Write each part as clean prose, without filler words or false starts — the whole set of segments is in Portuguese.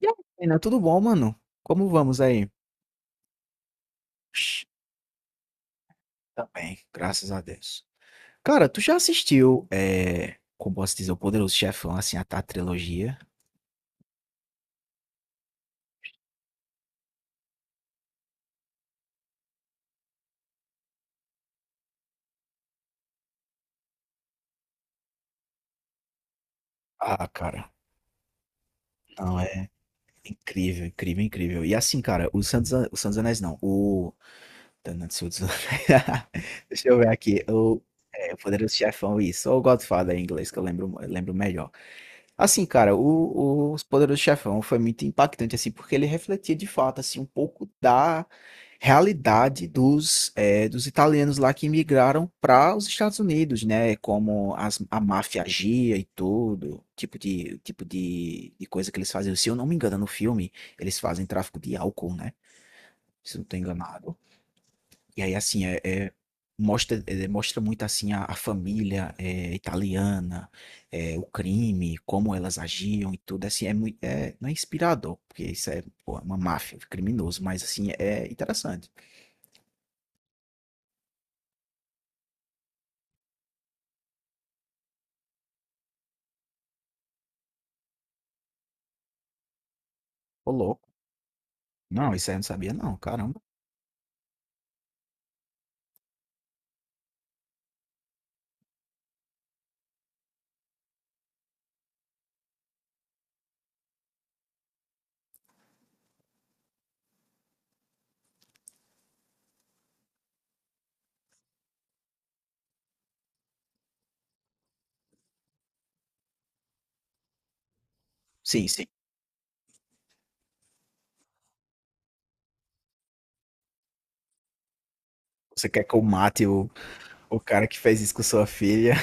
E aí, Karina, tudo bom, mano? Como vamos aí? Shhh, também, graças a Deus. Cara, tu já assistiu, como posso dizer, o Poderoso Chefão, assim, a trilogia? Ah, cara, não, é incrível, incrível, incrível. E assim, cara, o Santos Anéis não, o... Tanatsu dos Anéis. Deixa eu ver aqui, o Poderoso Chefão, isso, ou o Godfather em inglês, que eu lembro melhor. Assim, cara, o Poderoso Chefão foi muito impactante, assim, porque ele refletia de fato, assim, um pouco da realidade dos, dos italianos lá que migraram para os Estados Unidos, né? Como as, a máfia agia e tudo, tipo de coisa que eles faziam. Se eu não me engano, no filme, eles fazem tráfico de álcool, né? Se eu não estou enganado. E aí, assim, mostra, é, mostra muito, assim, a família é, italiana, é, o crime, como elas agiam e tudo, assim, é muito, é, não é inspirador, porque isso é, pô, é uma máfia, é criminoso, mas, assim, é interessante. Ô, louco. Não, isso aí eu não sabia, não, caramba. Sim, sim. Você quer que eu mate o cara que fez isso com sua filha?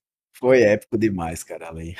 Foi épico demais, cara, ali.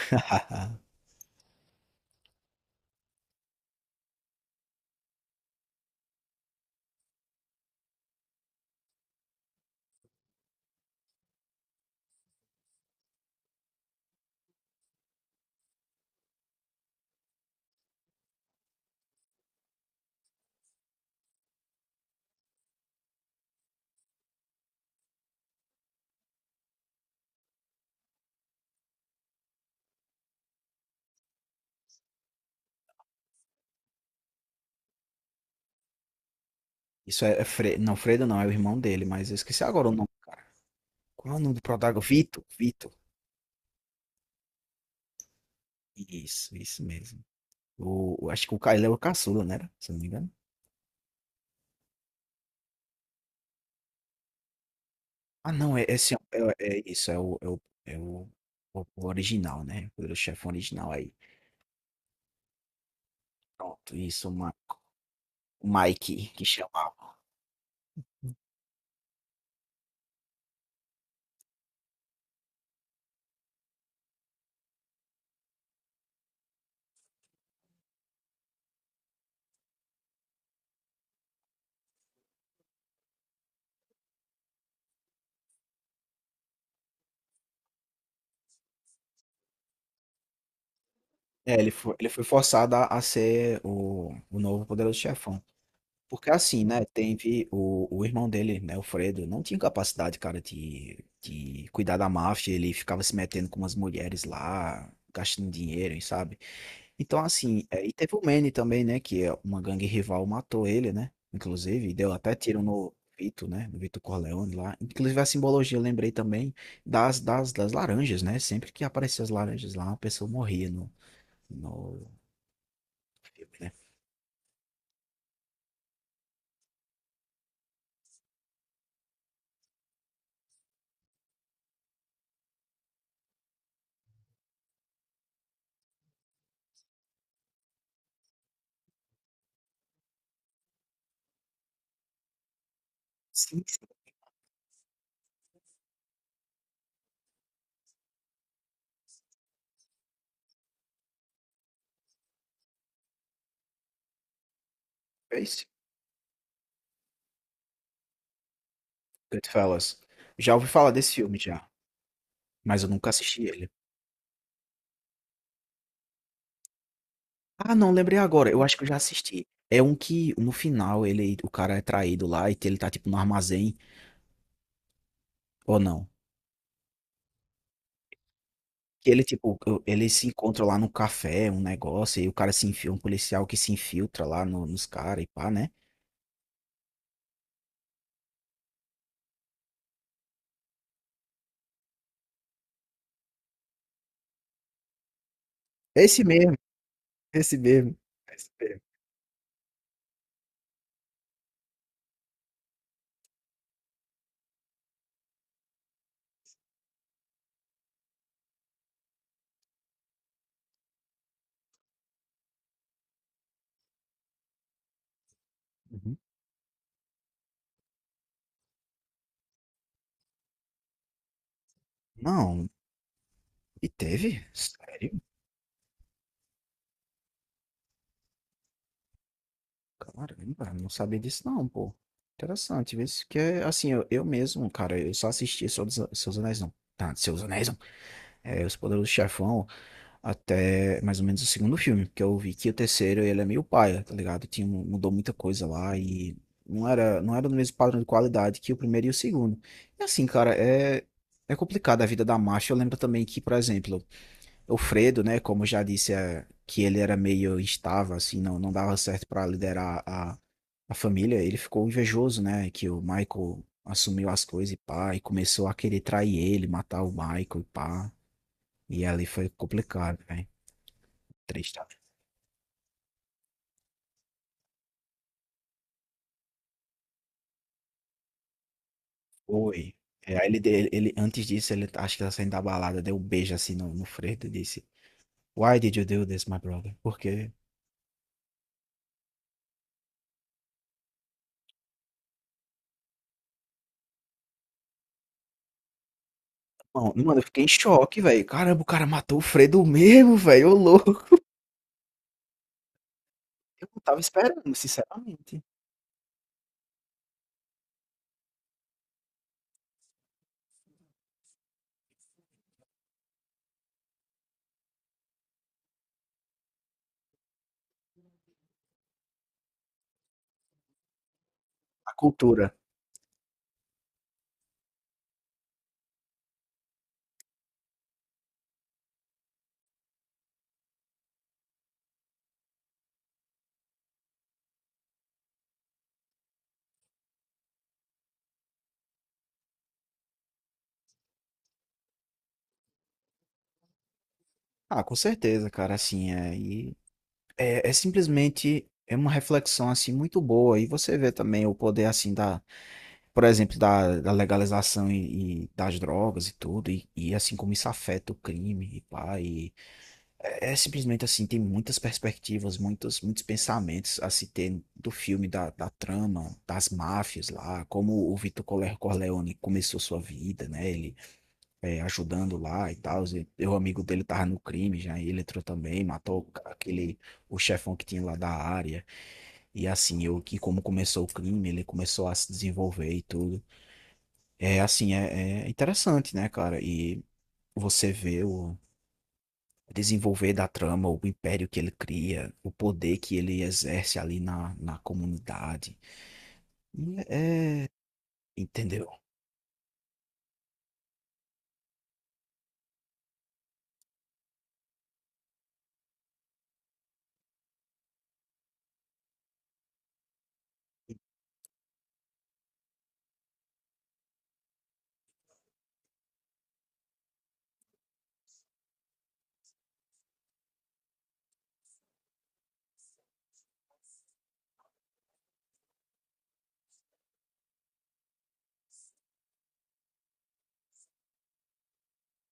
Isso é, é Fre... não, Fredo não, é o irmão dele, mas eu esqueci agora o nome, cara. Qual é o nome do protagonista? Vito, Vito. Isso mesmo. Acho que o Ca- é o caçula, né? Era? Se eu não me engano. Ah, não, é, esse, é, é isso, é o, é o, é o original, né? O chefe original aí. Pronto, isso, o Mike, que chamava. É, ele foi forçado a ser o novo poderoso chefão. Porque assim, né? Teve o irmão dele, né? O Fredo, não tinha capacidade, cara, de cuidar da máfia. Ele ficava se metendo com umas mulheres lá, gastando dinheiro, e sabe? Então, assim, é, e teve o Manny também, né? Que é uma gangue rival matou ele, né? Inclusive, e deu até tiro no Vito, né? No Vito Corleone lá. Inclusive, a simbologia, eu lembrei também das laranjas, né? Sempre que apareciam as laranjas lá, uma pessoa morria no, no filme, né? Sim, sim. É isso. Goodfellas. Já ouvi falar desse filme, já. Mas eu nunca assisti ele. Ah, não, lembrei agora. Eu acho que eu já assisti. É um que no final ele, o cara é traído lá e ele tá tipo no armazém. Ou não? Que ele, tipo, eles se encontram lá no café, um negócio, e o cara se enfia, um policial que se infiltra lá nos caras e pá, né? Esse mesmo, esse mesmo. Esse mesmo. Uhum. Não, e teve? Sério? Caramba, não sabia disso não, pô. Interessante, vê se que é assim, eu mesmo, cara, eu só assisti Seus Anéis não. Tá, Seus Anéis não. É, Os Poderosos Chefão, até mais ou menos o segundo filme, porque eu vi que o terceiro ele é meio paia, tá ligado? Tinha, mudou muita coisa lá e não era, não era no mesmo padrão de qualidade que o primeiro e o segundo. E assim, cara, é, é complicado a vida da Marcia. Eu lembro também que, por exemplo, o Fredo, né, como eu já disse, é, que ele era meio instável, assim, não, não dava certo pra liderar a família, ele ficou invejoso, né, que o Michael assumiu as coisas e pá, e começou a querer trair ele, matar o Michael e pá. E ali foi complicado, né? Três tá? Foi. É, aí ele, antes disso, ele acho que tá saindo da balada, deu um beijo assim no, no Freitas e disse: Why did you do this, my brother? Por quê? Bom, mano, eu fiquei em choque, velho. Caramba, o cara matou o Fredo mesmo, velho. Ô louco. Eu não tava esperando, sinceramente. A cultura. Ah, com certeza, cara, assim, é, e é, é simplesmente é uma reflexão, assim, muito boa, e você vê também o poder, assim, da, por exemplo, da legalização e das drogas e tudo, e, assim, como isso afeta o crime, e pá, e é é simplesmente assim, tem muitas perspectivas, muitos, muitos pensamentos a se ter do filme, da, da trama, das máfias lá, como o Vito Corleone começou sua vida, né? Ele é, ajudando lá e tal. O amigo dele tava no crime já, e ele entrou também, matou aquele, o chefão que tinha lá da área. E assim, eu que como começou o crime, ele começou a se desenvolver e tudo. É assim, é, é interessante, né, cara? E você vê o desenvolver da trama, o império que ele cria, o poder que ele exerce ali na, na comunidade. E é, entendeu?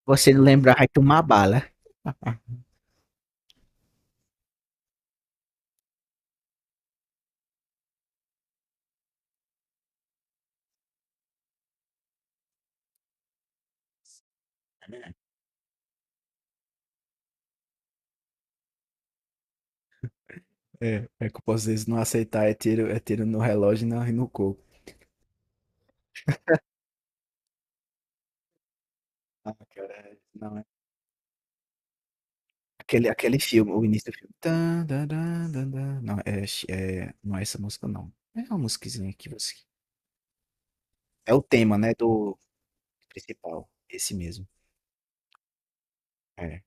Você não lembrar, vai tomar bala. É, é que às vezes não aceitar é tiro no relógio e no coco. Ah, cara, é- não é. Aquele, aquele filme, o início do filme. Tan, dan, dan, dan, dan. Não, é, é, não é essa música, não. É uma musiquinha que você. É o tema, né, do principal. Esse mesmo. É.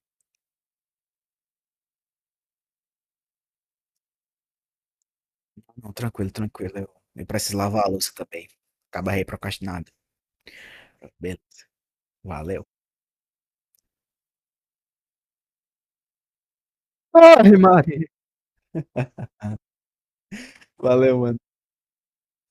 Não, tranquilo, tranquilo. Eu preciso lavar a louça também. Acaba aí procrastinado. Beleza. Valeu. Ai, Mari. Valeu, mano.